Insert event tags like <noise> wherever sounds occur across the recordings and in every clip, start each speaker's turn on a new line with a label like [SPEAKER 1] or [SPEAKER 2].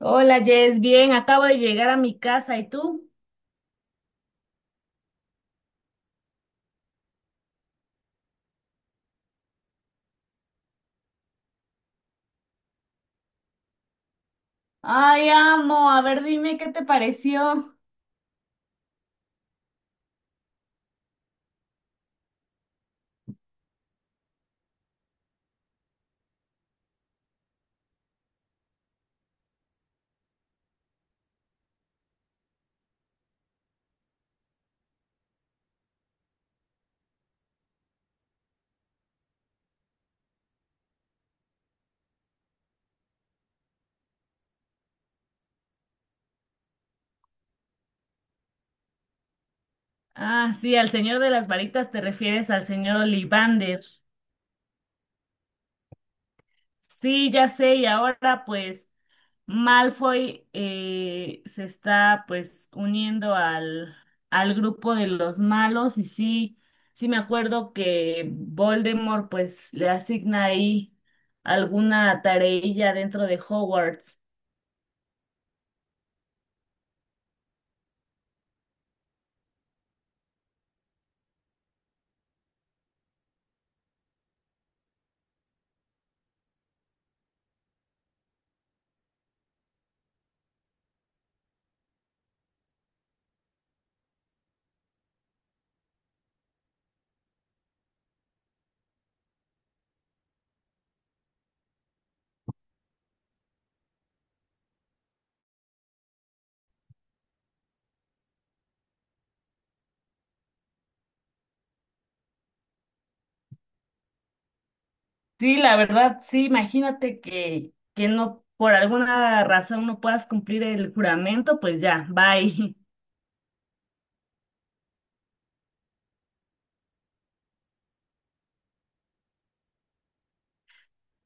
[SPEAKER 1] Hola Jess, bien, acabo de llegar a mi casa, ¿y tú? Ay, amo. A ver, dime qué te pareció. Ah, sí, al señor de las varitas te refieres al señor Ollivander. Sí, ya sé, y ahora pues Malfoy se está pues uniendo al grupo de los malos y sí, sí me acuerdo que Voldemort pues le asigna ahí alguna tareilla dentro de Hogwarts. Sí, la verdad, sí, imagínate que no, por alguna razón no puedas cumplir el juramento, pues ya, bye. <laughs>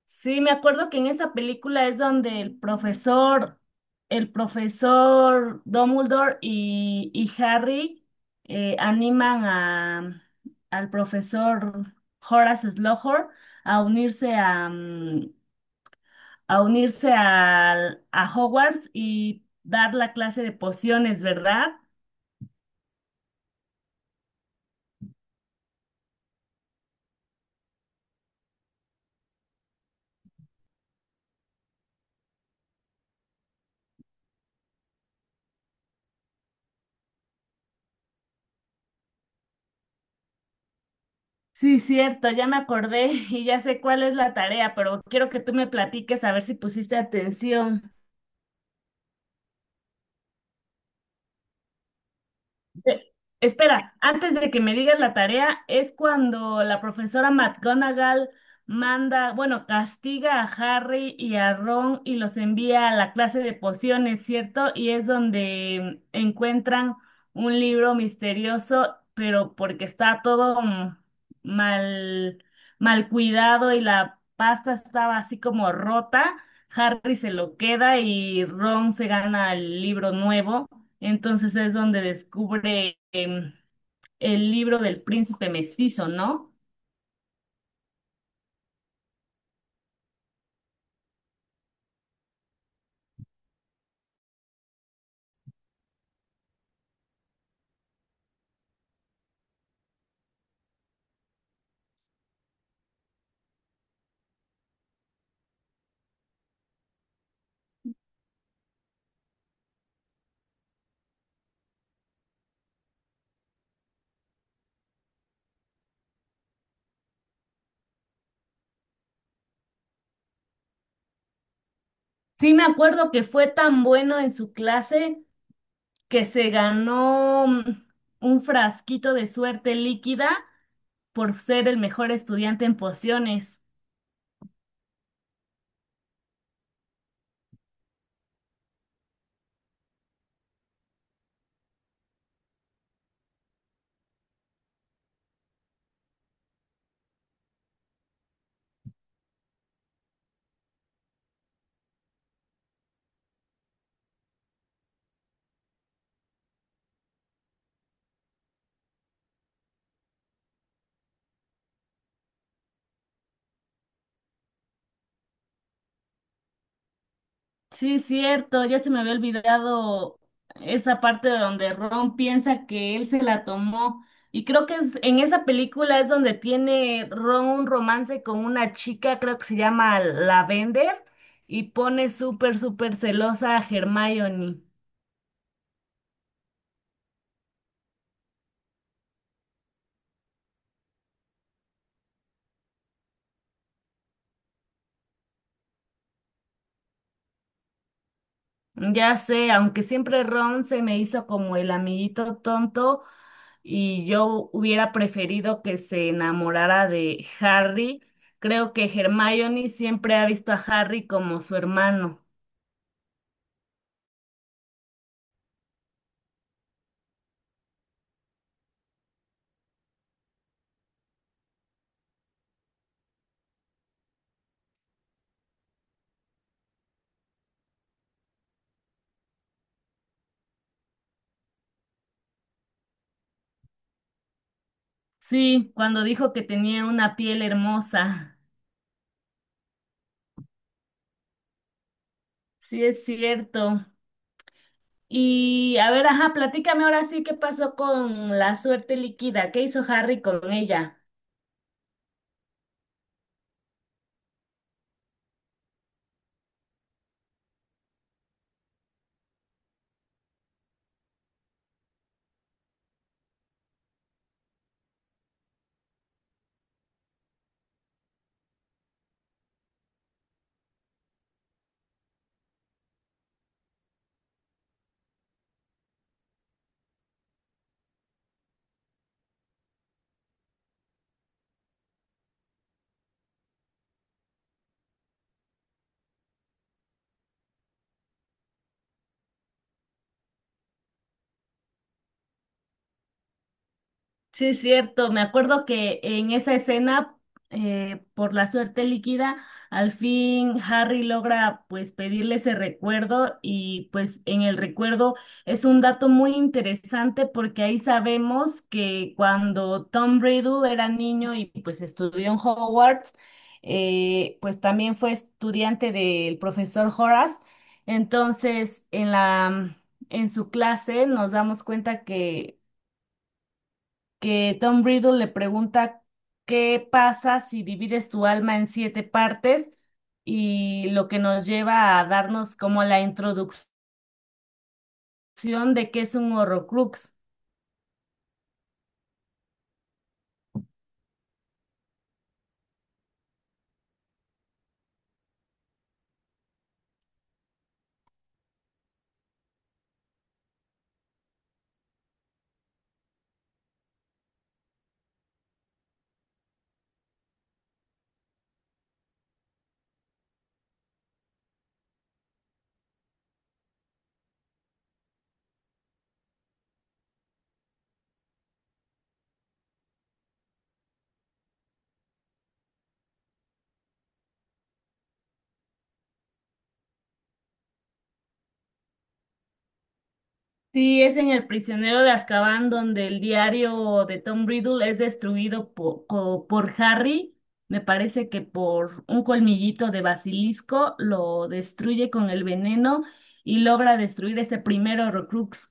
[SPEAKER 1] Sí, me acuerdo que en esa película es donde el profesor Dumbledore y Harry animan al profesor Horace Slughorn a unirse a a Hogwarts y dar la clase de pociones, ¿verdad? Sí, cierto, ya me acordé <laughs> y ya sé cuál es la tarea, pero quiero que tú me platiques a ver si pusiste atención. Eh, Espera, antes de que me digas la tarea, es cuando la profesora McGonagall manda, bueno, castiga a Harry y a Ron y los envía a la clase de pociones, ¿cierto? Y es donde encuentran un libro misterioso, pero porque está todo mal, mal cuidado y la pasta estaba así como rota. Harry se lo queda y Ron se gana el libro nuevo. Entonces es donde descubre el libro del príncipe mestizo, ¿no? Sí, me acuerdo que fue tan bueno en su clase que se ganó un frasquito de suerte líquida por ser el mejor estudiante en pociones. Sí, cierto, ya se me había olvidado esa parte donde Ron piensa que él se la tomó. Y creo que en esa película es donde tiene Ron un romance con una chica, creo que se llama Lavender, y pone súper, súper celosa a Hermione. Ya sé, aunque siempre Ron se me hizo como el amiguito tonto y yo hubiera preferido que se enamorara de Harry. Creo que Hermione siempre ha visto a Harry como su hermano. Sí, cuando dijo que tenía una piel hermosa. Sí, es cierto. Y a ver, ajá, platícame ahora sí qué pasó con la suerte líquida, qué hizo Harry con ella. Sí, es cierto. Me acuerdo que en esa escena, por la suerte líquida, al fin Harry logra pues pedirle ese recuerdo, y pues en el recuerdo es un dato muy interesante porque ahí sabemos que cuando Tom Riddle era niño y pues estudió en Hogwarts, pues también fue estudiante del profesor Horace. Entonces, en la en su clase nos damos cuenta que Tom Riddle le pregunta qué pasa si divides tu alma en siete partes, y lo que nos lleva a darnos como la introducción de qué es un Horrocrux. Sí, es en El prisionero de Azkaban donde el diario de Tom Riddle es destruido por Harry. Me parece que por un colmillito de basilisco lo destruye con el veneno y logra destruir ese primer Horrocrux.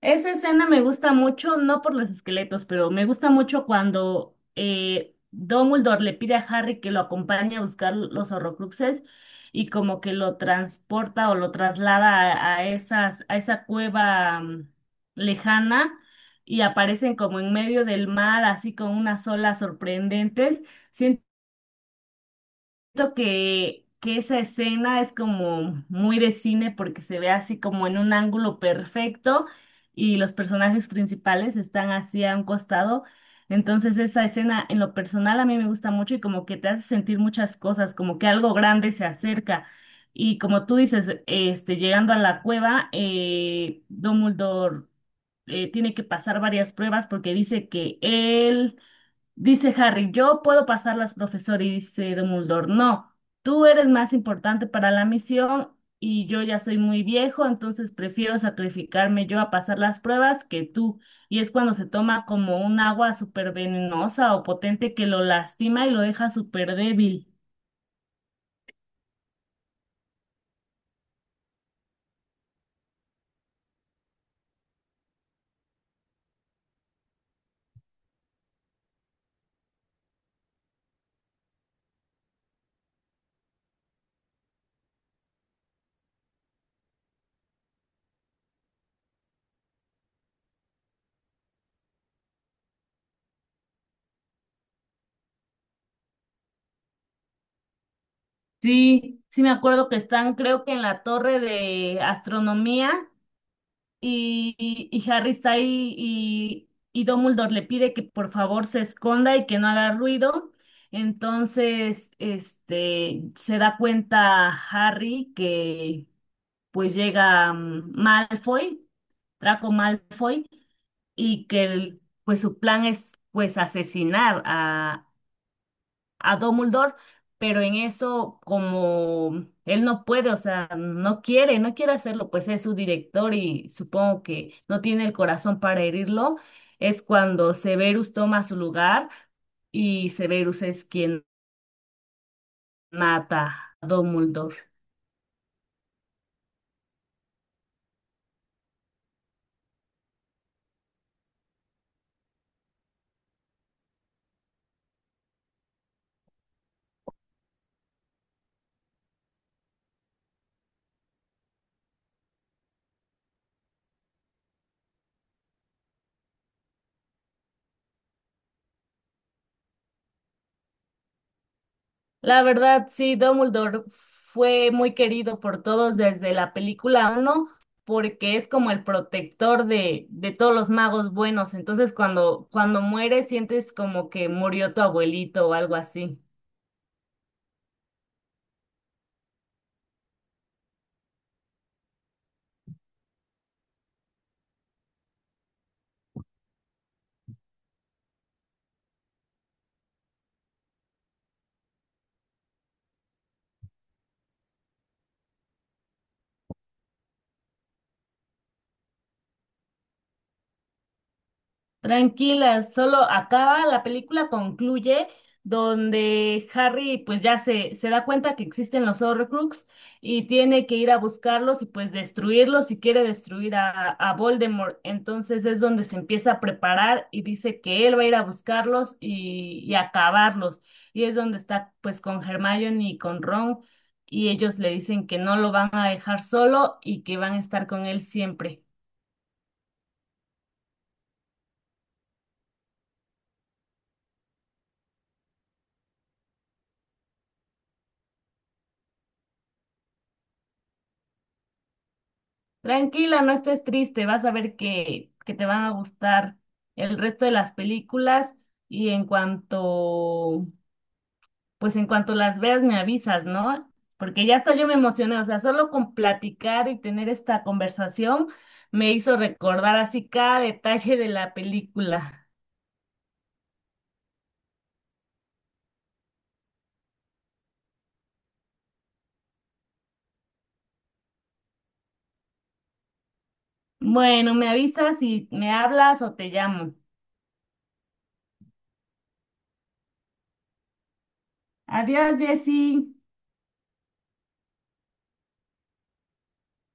[SPEAKER 1] Esa escena me gusta mucho, no por los esqueletos, pero me gusta mucho cuando Dumbledore le pide a Harry que lo acompañe a buscar los Horrocruxes, y como que lo transporta o lo traslada a esas, a esa cueva lejana, y aparecen como en medio del mar, así con unas olas sorprendentes. Siento que esa escena es como muy de cine porque se ve así como en un ángulo perfecto y los personajes principales están así a un costado. Entonces esa escena en lo personal a mí me gusta mucho, y como que te hace sentir muchas cosas, como que algo grande se acerca. Y como tú dices, este, llegando a la cueva, Dumbledore tiene que pasar varias pruebas porque dice que él dice Harry, yo puedo pasarlas, profesor, y dice Dumbledore, no, tú eres más importante para la misión y yo ya soy muy viejo, entonces prefiero sacrificarme yo a pasar las pruebas que tú. Y es cuando se toma como un agua súper venenosa o potente que lo lastima y lo deja súper débil. Sí, sí me acuerdo que están, creo que en la torre de astronomía Harry está ahí y Dumbledore le pide que por favor se esconda y que no haga ruido. Entonces, este, se da cuenta Harry que pues llega Malfoy, Draco Malfoy, y que pues su plan es pues asesinar a Dumbledore, pero en eso, como él no puede, o sea, no quiere, no quiere hacerlo, pues es su director y supongo que no tiene el corazón para herirlo, es cuando Severus toma su lugar y Severus es quien mata a Dumbledore. La verdad, sí, Dumbledore fue muy querido por todos desde la película uno porque es como el protector de todos los magos buenos. Entonces, cuando mueres, sientes como que murió tu abuelito o algo así. Tranquila, solo acaba, la película concluye donde Harry pues se da cuenta que existen los Horcrux y tiene que ir a buscarlos y pues destruirlos, y quiere destruir a Voldemort. Entonces es donde se empieza a preparar y dice que él va a ir a buscarlos y acabarlos. Y es donde está pues con Hermione y con Ron, y ellos le dicen que no lo van a dejar solo y que van a estar con él siempre. Tranquila, no estés triste, vas a ver que te van a gustar el resto de las películas, y pues en cuanto las veas me avisas, ¿no? Porque ya hasta yo me emocioné, o sea, solo con platicar y tener esta conversación me hizo recordar así cada detalle de la película. Bueno, me avisas si me hablas o te llamo. Adiós, Jessy.